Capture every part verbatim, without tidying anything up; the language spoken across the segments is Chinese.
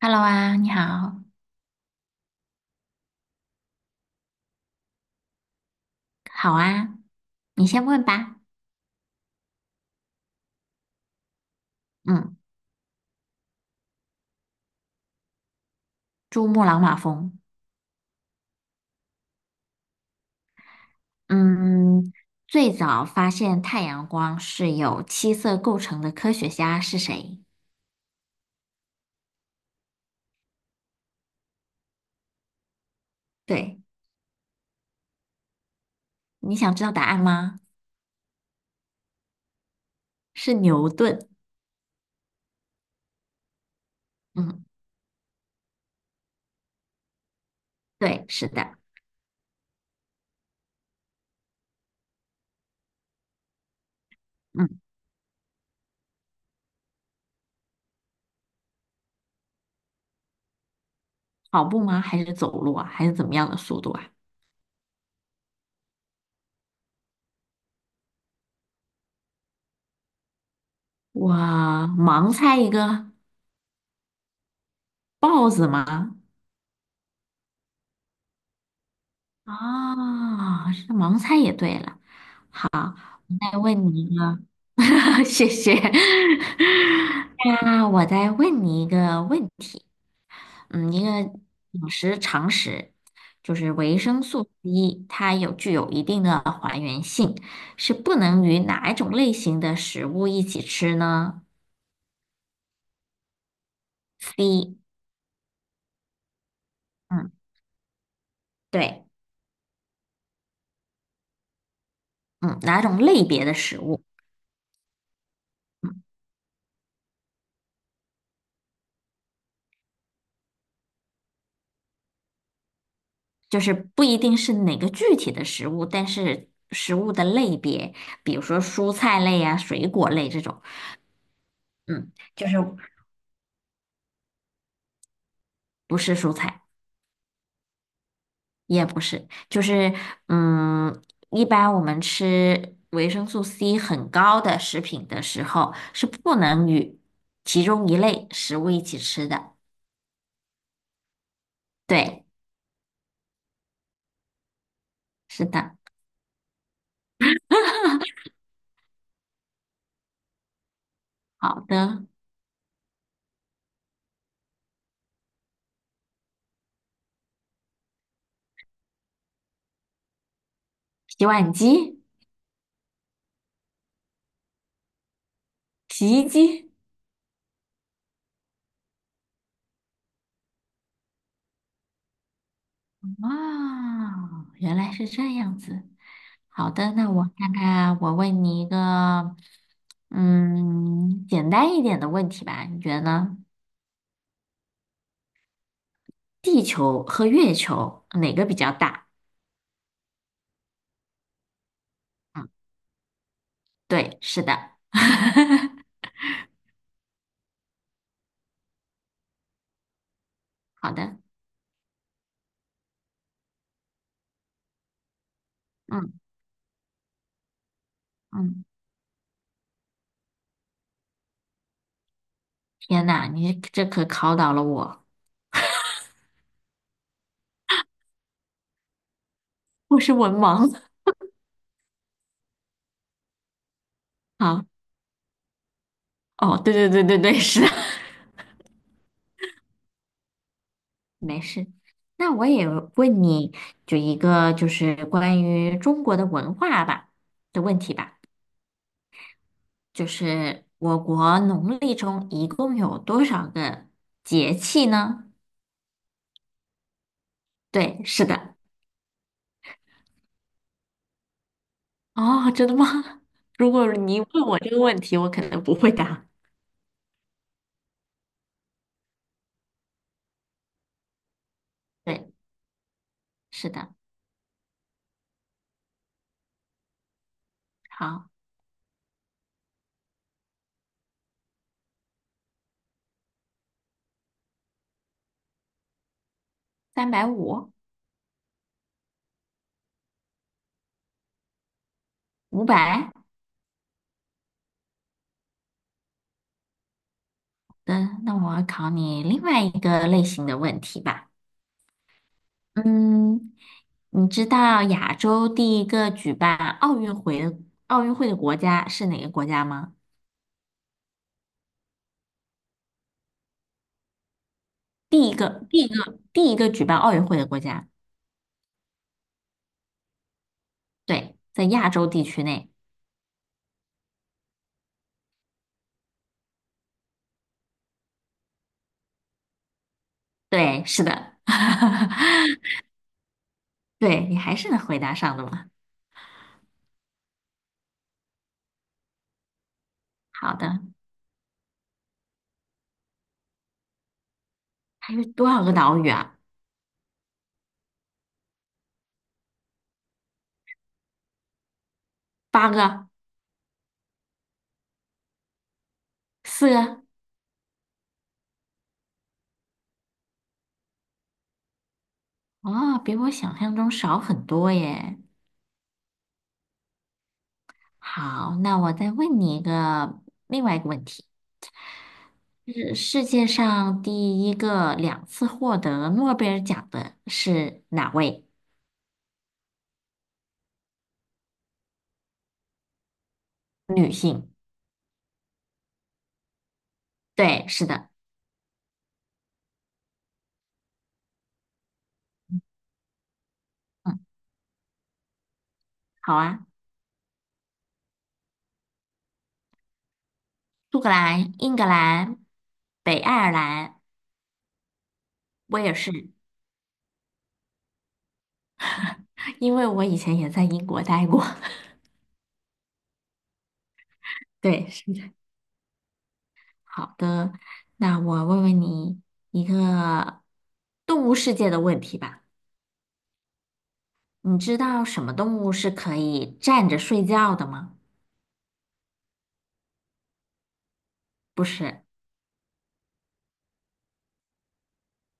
Hello 啊，你好，好啊，你先问吧。嗯，珠穆朗玛峰。嗯，最早发现太阳光是由七色构成的科学家是谁？对，你想知道答案吗？是牛顿。嗯，对，是的。嗯，跑步吗？还是走路啊？还是怎么样的速度啊？哇，盲猜一个，豹子吗？啊、这盲猜也对了。再问你一个，谢谢。那我再问你一个问题，嗯，一个饮食常识，就是维生素 C，它有具有一定的还原性，是不能与哪一种类型的食物一起吃呢？C，嗯，对，嗯，哪种类别的食物？嗯，就是不一定是哪个具体的食物，但是食物的类别，比如说蔬菜类啊、水果类这种，嗯，就是不是蔬菜。也不是，就是嗯，一般我们吃维生素 C 很高的食品的时候，是不能与其中一类食物一起吃的。对，是的，好的。洗碗机、洗衣机，哇，原来是这样子。好的，那我看看，我问你一个，嗯，简单一点的问题吧，你觉得呢？地球和月球哪个比较大？嗯，对，是的。好的，嗯嗯，天呐，你这可考倒了我，我是文盲。好，哦，对对对对对，是的，没事。那我也问你，就一个就是关于中国的文化吧的问题吧，就是我国农历中一共有多少个节气呢？对，是的。哦，真的吗？如果你问我这个问题，我可能不会答。对，是的。好，三百五，五百。的，那我要考你另外一个类型的问题吧。嗯，你知道亚洲第一个举办奥运会的奥运会的国家是哪个国家吗？第一个，第一个，第一个举办奥运会的国家，对，在亚洲地区内，对，是的，对，你还是能回答上的嘛？好的，还有多少个岛屿啊？八个，四个，哦，比我想象中少很多耶。好，那我再问你一个另外一个问题。是世界上第一个两次获得诺贝尔奖的是哪位女性？对，是的，嗯，好啊，苏格兰、英格兰、北爱尔兰，我也是，因为我以前也在英国待过。对，是的。好的，那我问问你一个动物世界的问题吧。你知道什么动物是可以站着睡觉的吗？不是，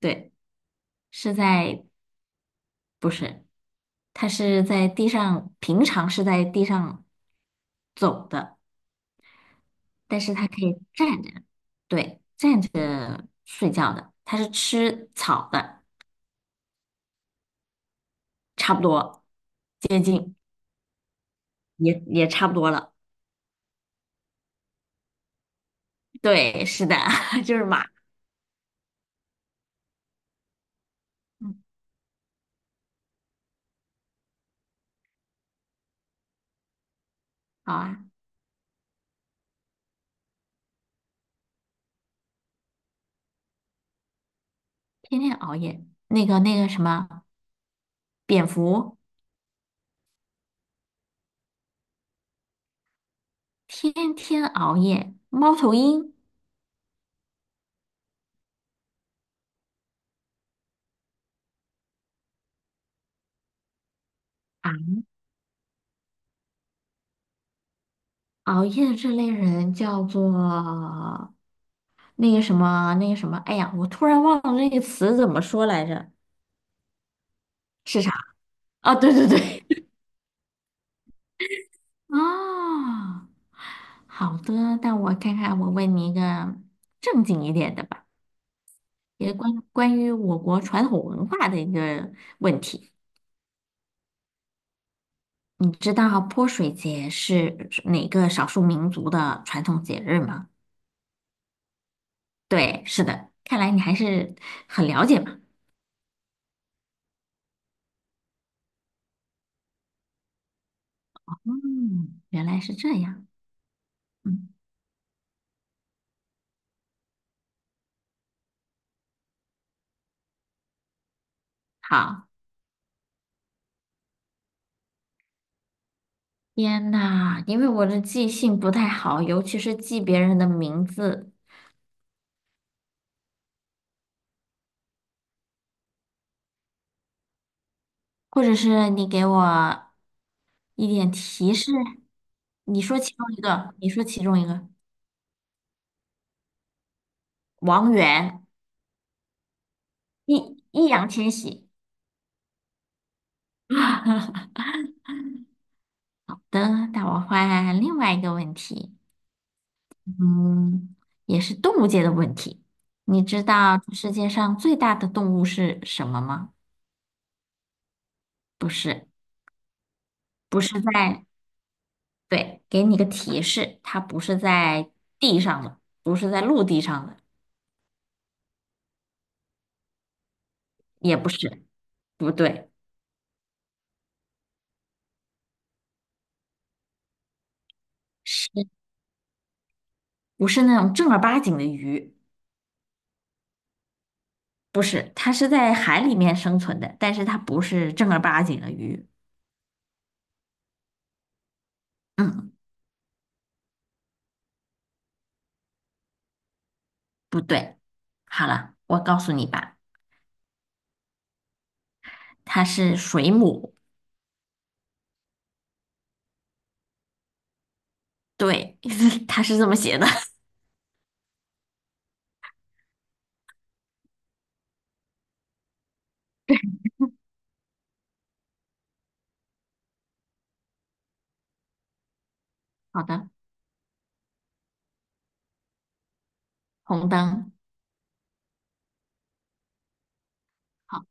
对，是在，不是。它是在地上，平常是在地上走的，但是它可以站着，对，站着睡觉的。它是吃草的，差不多，接近，也也差不多了。对，是的，就是马。嗯，好啊，天天熬夜，那个那个什么，蝙蝠，天天熬夜，猫头鹰啊，熬夜这类人叫做那个什么那个什么，哎呀，我突然忘了那个词怎么说来着，是啥？啊，对对对，啊，好的，那我看看，我问你一个正经一点的吧，也关关于我国传统文化的一个问题。你知道泼水节是哪个少数民族的传统节日吗？对，是的，看来你还是很了解嘛。嗯，原来是这样。嗯，好。天呐，因为我的记性不太好，尤其是记别人的名字，或者是你给我一点提示。你说其中一个，你说其中一个，王源，易易烊千玺。等，那我换另外一个问题，嗯，也是动物界的问题。你知道世界上最大的动物是什么吗？不是，不是在对，给你个提示，它不是在地上的，不是在陆地上的，也不是，不对，是不是那种正儿八经的鱼？不是，它是在海里面生存的，但是它不是正儿八经的鱼。嗯，不对。好了，我告诉你吧，它是水母。对，它是这么写的。好的，红灯。好，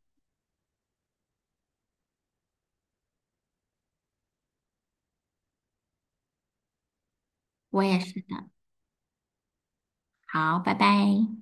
我也是的。好，拜拜。